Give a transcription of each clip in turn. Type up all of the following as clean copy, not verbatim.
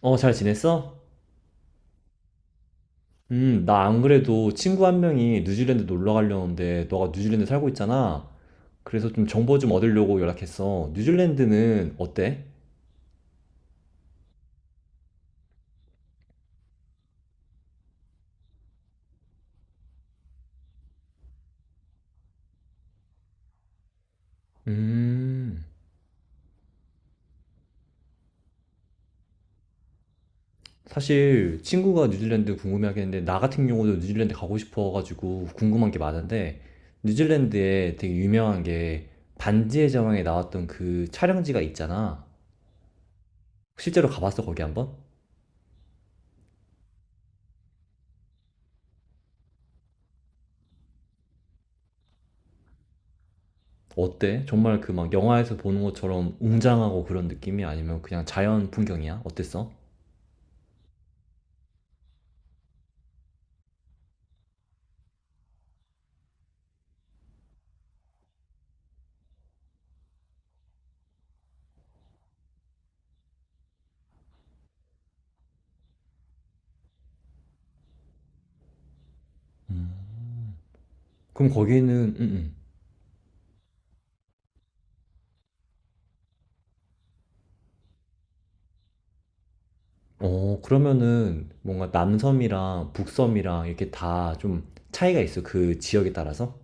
어, 잘 지냈어? 나 안 그래도 친구 한 명이 뉴질랜드 놀러 가려는데 너가 뉴질랜드 살고 있잖아. 그래서 좀 정보 좀 얻으려고 연락했어. 뉴질랜드는 어때? 음, 사실 친구가 뉴질랜드 궁금해하겠는데 나 같은 경우도 뉴질랜드 가고 싶어가지고 궁금한 게 많은데 뉴질랜드에 되게 유명한 게 반지의 제왕에 나왔던 그 촬영지가 있잖아. 실제로 가봤어, 거기 한번? 어때? 정말 그 막 영화에서 보는 것처럼 웅장하고 그런 느낌이 아니면 그냥 자연 풍경이야? 어땠어? 그럼 거기는 음, 음. 어, 그러면은 뭔가 남섬이랑 북섬이랑 이렇게 다 좀 차이가 있어. 그 지역에 따라서?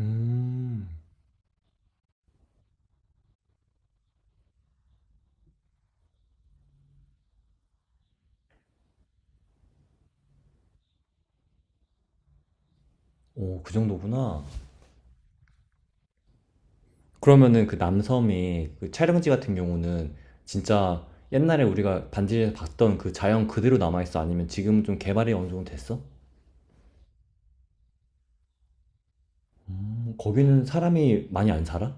음. 오, 그 정도구나. 그러면은 그 남섬이 그 촬영지 같은 경우는 진짜 옛날에 우리가 반지에서 봤던 그 자연 그대로 남아있어? 아니면 지금 좀 개발이 어느 정도 됐어? 거기는 사람이 많이 안 살아?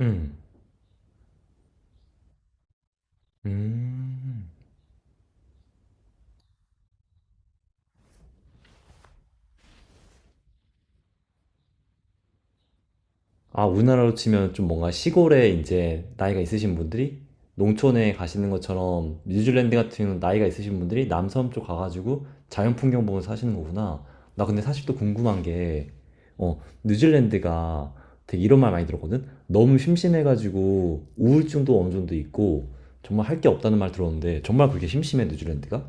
응. 음. 아, 우리나라로 치면 좀 뭔가 시골에 이제 나이가 있으신 분들이 농촌에 가시는 것처럼 뉴질랜드 같은 경우는 나이가 있으신 분들이 남섬 쪽 가가지고 자연 풍경 보면서 사시는 거구나. 나 근데 사실 또 궁금한 게, 어, 뉴질랜드가 되게 이런 말 많이 들었거든? 너무 심심해가지고 우울증도 어느 정도 있고 정말 할 게 없다는 말 들었는데 정말 그렇게 심심해, 뉴질랜드가?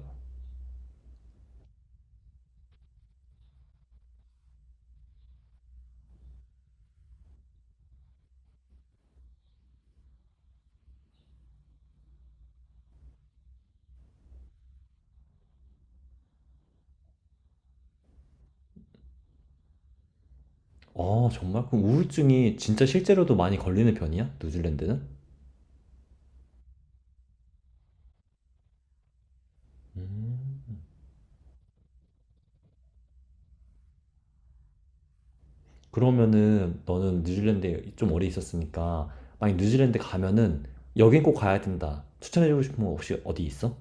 아, 정말? 그럼 우울증이 진짜 실제로도 많이 걸리는 편이야? 뉴질랜드는? 음. 그러면은 너는 뉴질랜드에 좀 오래 있었으니까 만약 뉴질랜드 가면은 여긴 꼭 가야 된다. 추천해주고 싶은 거 혹시 어디 있어?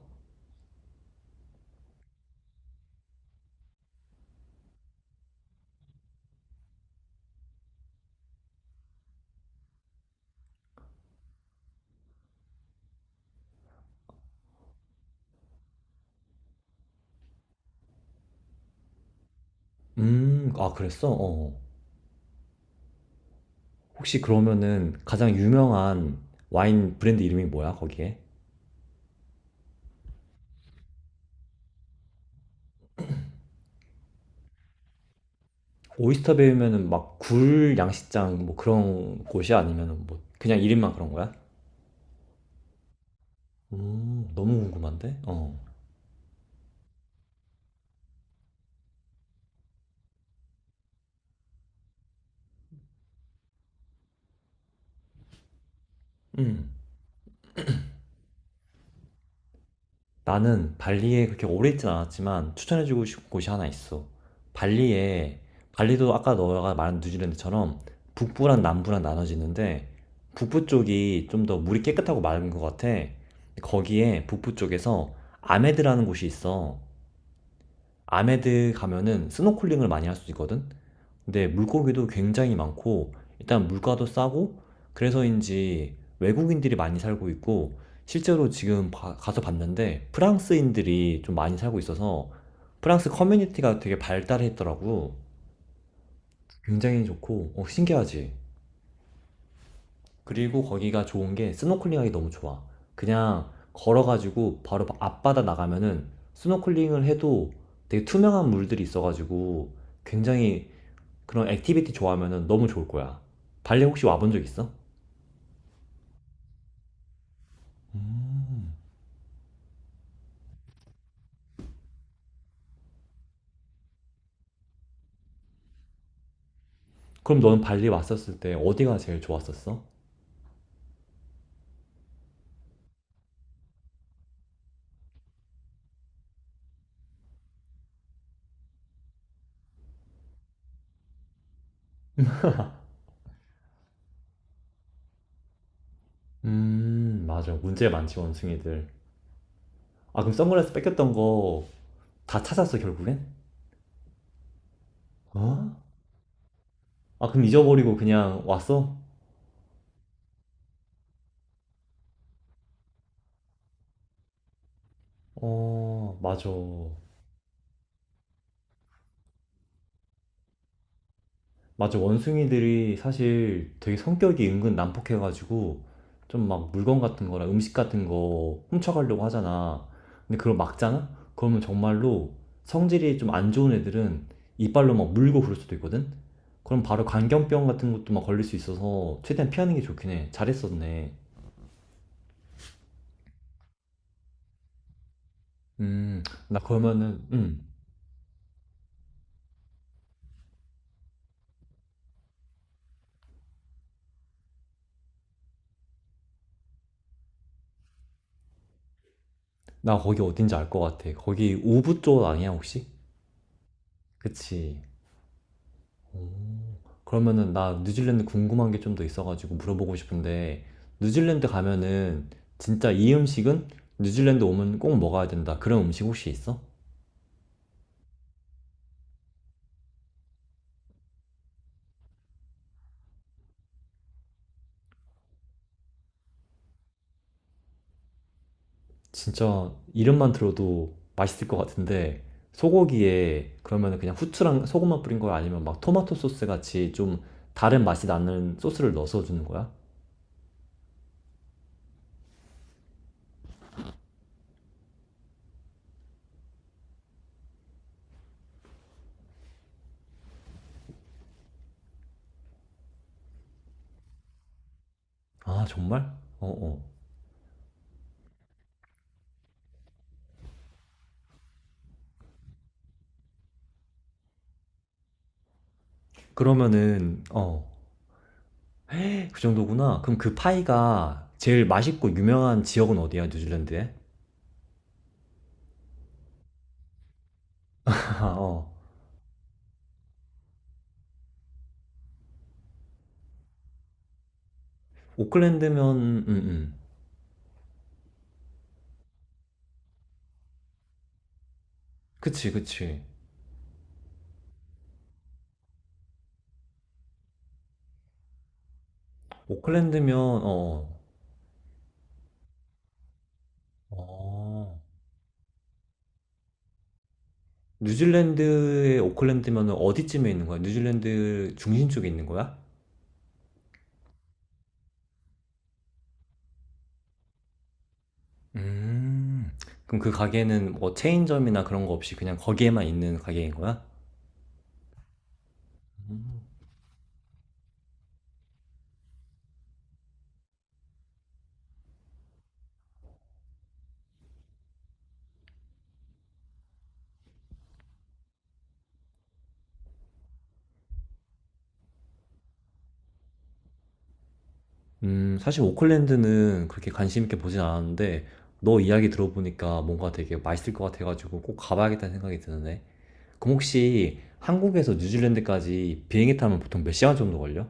아, 그랬어? 어. 어. 혹시 그러면은 가장 유명한 와인 브랜드 이름이 뭐야, 거기에? 오이스터 베이면은 막 굴 양식장 뭐 그런 곳이 아니면은 뭐 그냥 이름만 그런 거야? 너무 궁금한데? 어. 음. 나는 발리에 그렇게 오래 있진 않았지만 추천해주고 싶은 곳이 하나 있어. 발리에, 발리도 아까 너가 말한 뉴질랜드처럼 북부랑 남부랑 나눠지는데 북부 쪽이 좀 더 물이 깨끗하고 맑은 것 같아. 거기에 북부 쪽에서 아메드라는 곳이 있어. 아메드 가면은 스노클링을 많이 할 수 있거든? 근데 물고기도 굉장히 많고 일단 물가도 싸고 그래서인지 외국인들이 많이 살고 있고 실제로 지금 가서 봤는데 프랑스인들이 좀 많이 살고 있어서 프랑스 커뮤니티가 되게 발달했더라고. 굉장히 좋고 어, 신기하지. 그리고 거기가 좋은 게 스노클링하기 너무 좋아. 그냥 걸어가지고 바로 앞바다 나가면은 스노클링을 해도 되게 투명한 물들이 있어가지고 굉장히 그런 액티비티 좋아하면 너무 좋을 거야. 발리 혹시 와본 적 있어? 그럼 너는 발리 왔었을 때 어디가 제일 좋았었어? 맞아. 문제 많지, 원숭이들. 아, 그럼 선글라스 뺏겼던 거 다 찾았어, 결국엔? 어? 아, 그럼 잊어버리고 그냥 왔어? 어, 맞아. 맞아, 원숭이들이 사실 되게 성격이 은근 난폭해가지고 좀 막 물건 같은 거나 음식 같은 거 훔쳐가려고 하잖아. 근데 그걸 막잖아? 그러면 정말로 성질이 좀 안 좋은 애들은 이빨로 막 물고 그럴 수도 있거든? 그럼 바로 광견병 같은 것도 막 걸릴 수 있어서 최대한 피하는 게 좋긴 해. 잘했었네. 음, 나 그러면은, 음, 나 거기 어딘지 알 것 같아. 거기 우부 쪽 아니야, 혹시? 그치. 그러면은 나 뉴질랜드 궁금한 게 좀 더 있어가지고 물어보고 싶은데 뉴질랜드 가면은 진짜 이 음식은 뉴질랜드 오면 꼭 먹어야 된다. 그런 음식 혹시 있어? 진짜 이름만 들어도 맛있을 것 같은데 소고기에 그러면은 그냥 후추랑 소금만 뿌린 거야? 아니면 막 토마토 소스 같이 좀 다른 맛이 나는 소스를 넣어서 주는 거야? 아, 정말? 어, 어. 그러면은 어, 그 정도구나. 그럼 그 파이가 제일 맛있고 유명한 지역은 어디야, 뉴질랜드에? 어. 오클랜드면 그치 그치 오클랜드면 어, 어. 뉴질랜드의 오클랜드면 어디쯤에 있는 거야? 뉴질랜드 중심 쪽에 있는 거야? 음. 그럼 그 가게는 뭐 체인점이나 그런 거 없이 그냥 거기에만 있는 가게인 거야? 사실 오클랜드는 그렇게 관심 있게 보진 않았는데 너 이야기 들어보니까 뭔가 되게 맛있을 것 같아가지고 꼭 가봐야겠다는 생각이 드는데. 그럼 혹시 한국에서 뉴질랜드까지 비행기 타면 보통 몇 시간 정도 걸려?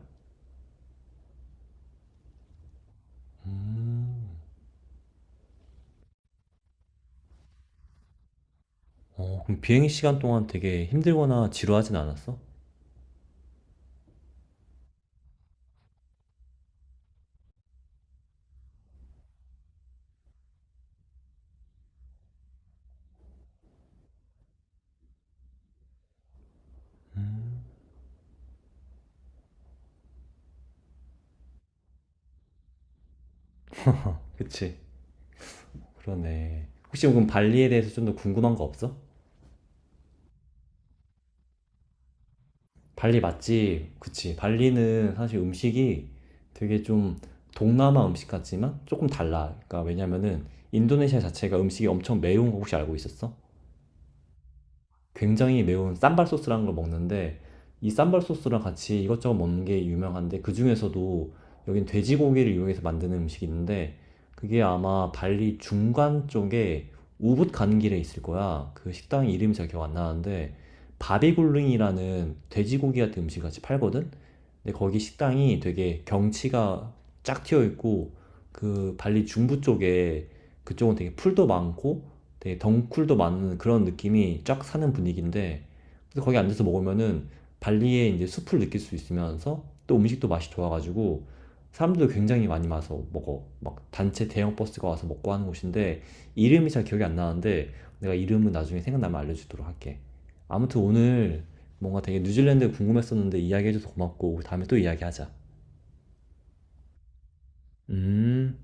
어, 그럼 비행 시간 동안 되게 힘들거나 지루하진 않았어? 그치. 그러네. 혹시 그럼 발리에 대해서 좀 더 궁금한 거 없어? 발리 맛집, 그치. 발리는 사실 음식이 되게 좀 동남아 음식 같지만 조금 달라. 그러니까 왜냐면은 인도네시아 자체가 음식이 엄청 매운 거 혹시 알고 있었어? 굉장히 매운 쌈발 소스라는 걸 먹는데 이 쌈발 소스랑 같이 이것저것 먹는 게 유명한데 그 중에서도 여긴 돼지고기를 이용해서 만드는 음식이 있는데 그게 아마 발리 중간 쪽에 우붓 가는 길에 있을 거야. 그 식당 이름이 잘 기억 안 나는데 바비굴링이라는 돼지고기 같은 음식 같이 팔거든. 근데 거기 식당이 되게 경치가 쫙 튀어 있고 그 발리 중부 쪽에 그쪽은 되게 풀도 많고 되게 덩쿨도 많은 그런 느낌이 쫙 사는 분위기인데 그래서 거기 앉아서 먹으면은 발리의 이제 숲을 느낄 수 있으면서 또 음식도 맛이 좋아가지고 사람들도 굉장히 많이 와서 먹어 막 단체 대형 버스가 와서 먹고 하는 곳인데 이름이 잘 기억이 안 나는데 내가 이름은 나중에 생각나면 알려주도록 할게 아무튼 오늘 뭔가 되게 뉴질랜드 궁금했었는데 이야기해줘서 고맙고 다음에 또 이야기하자. 음.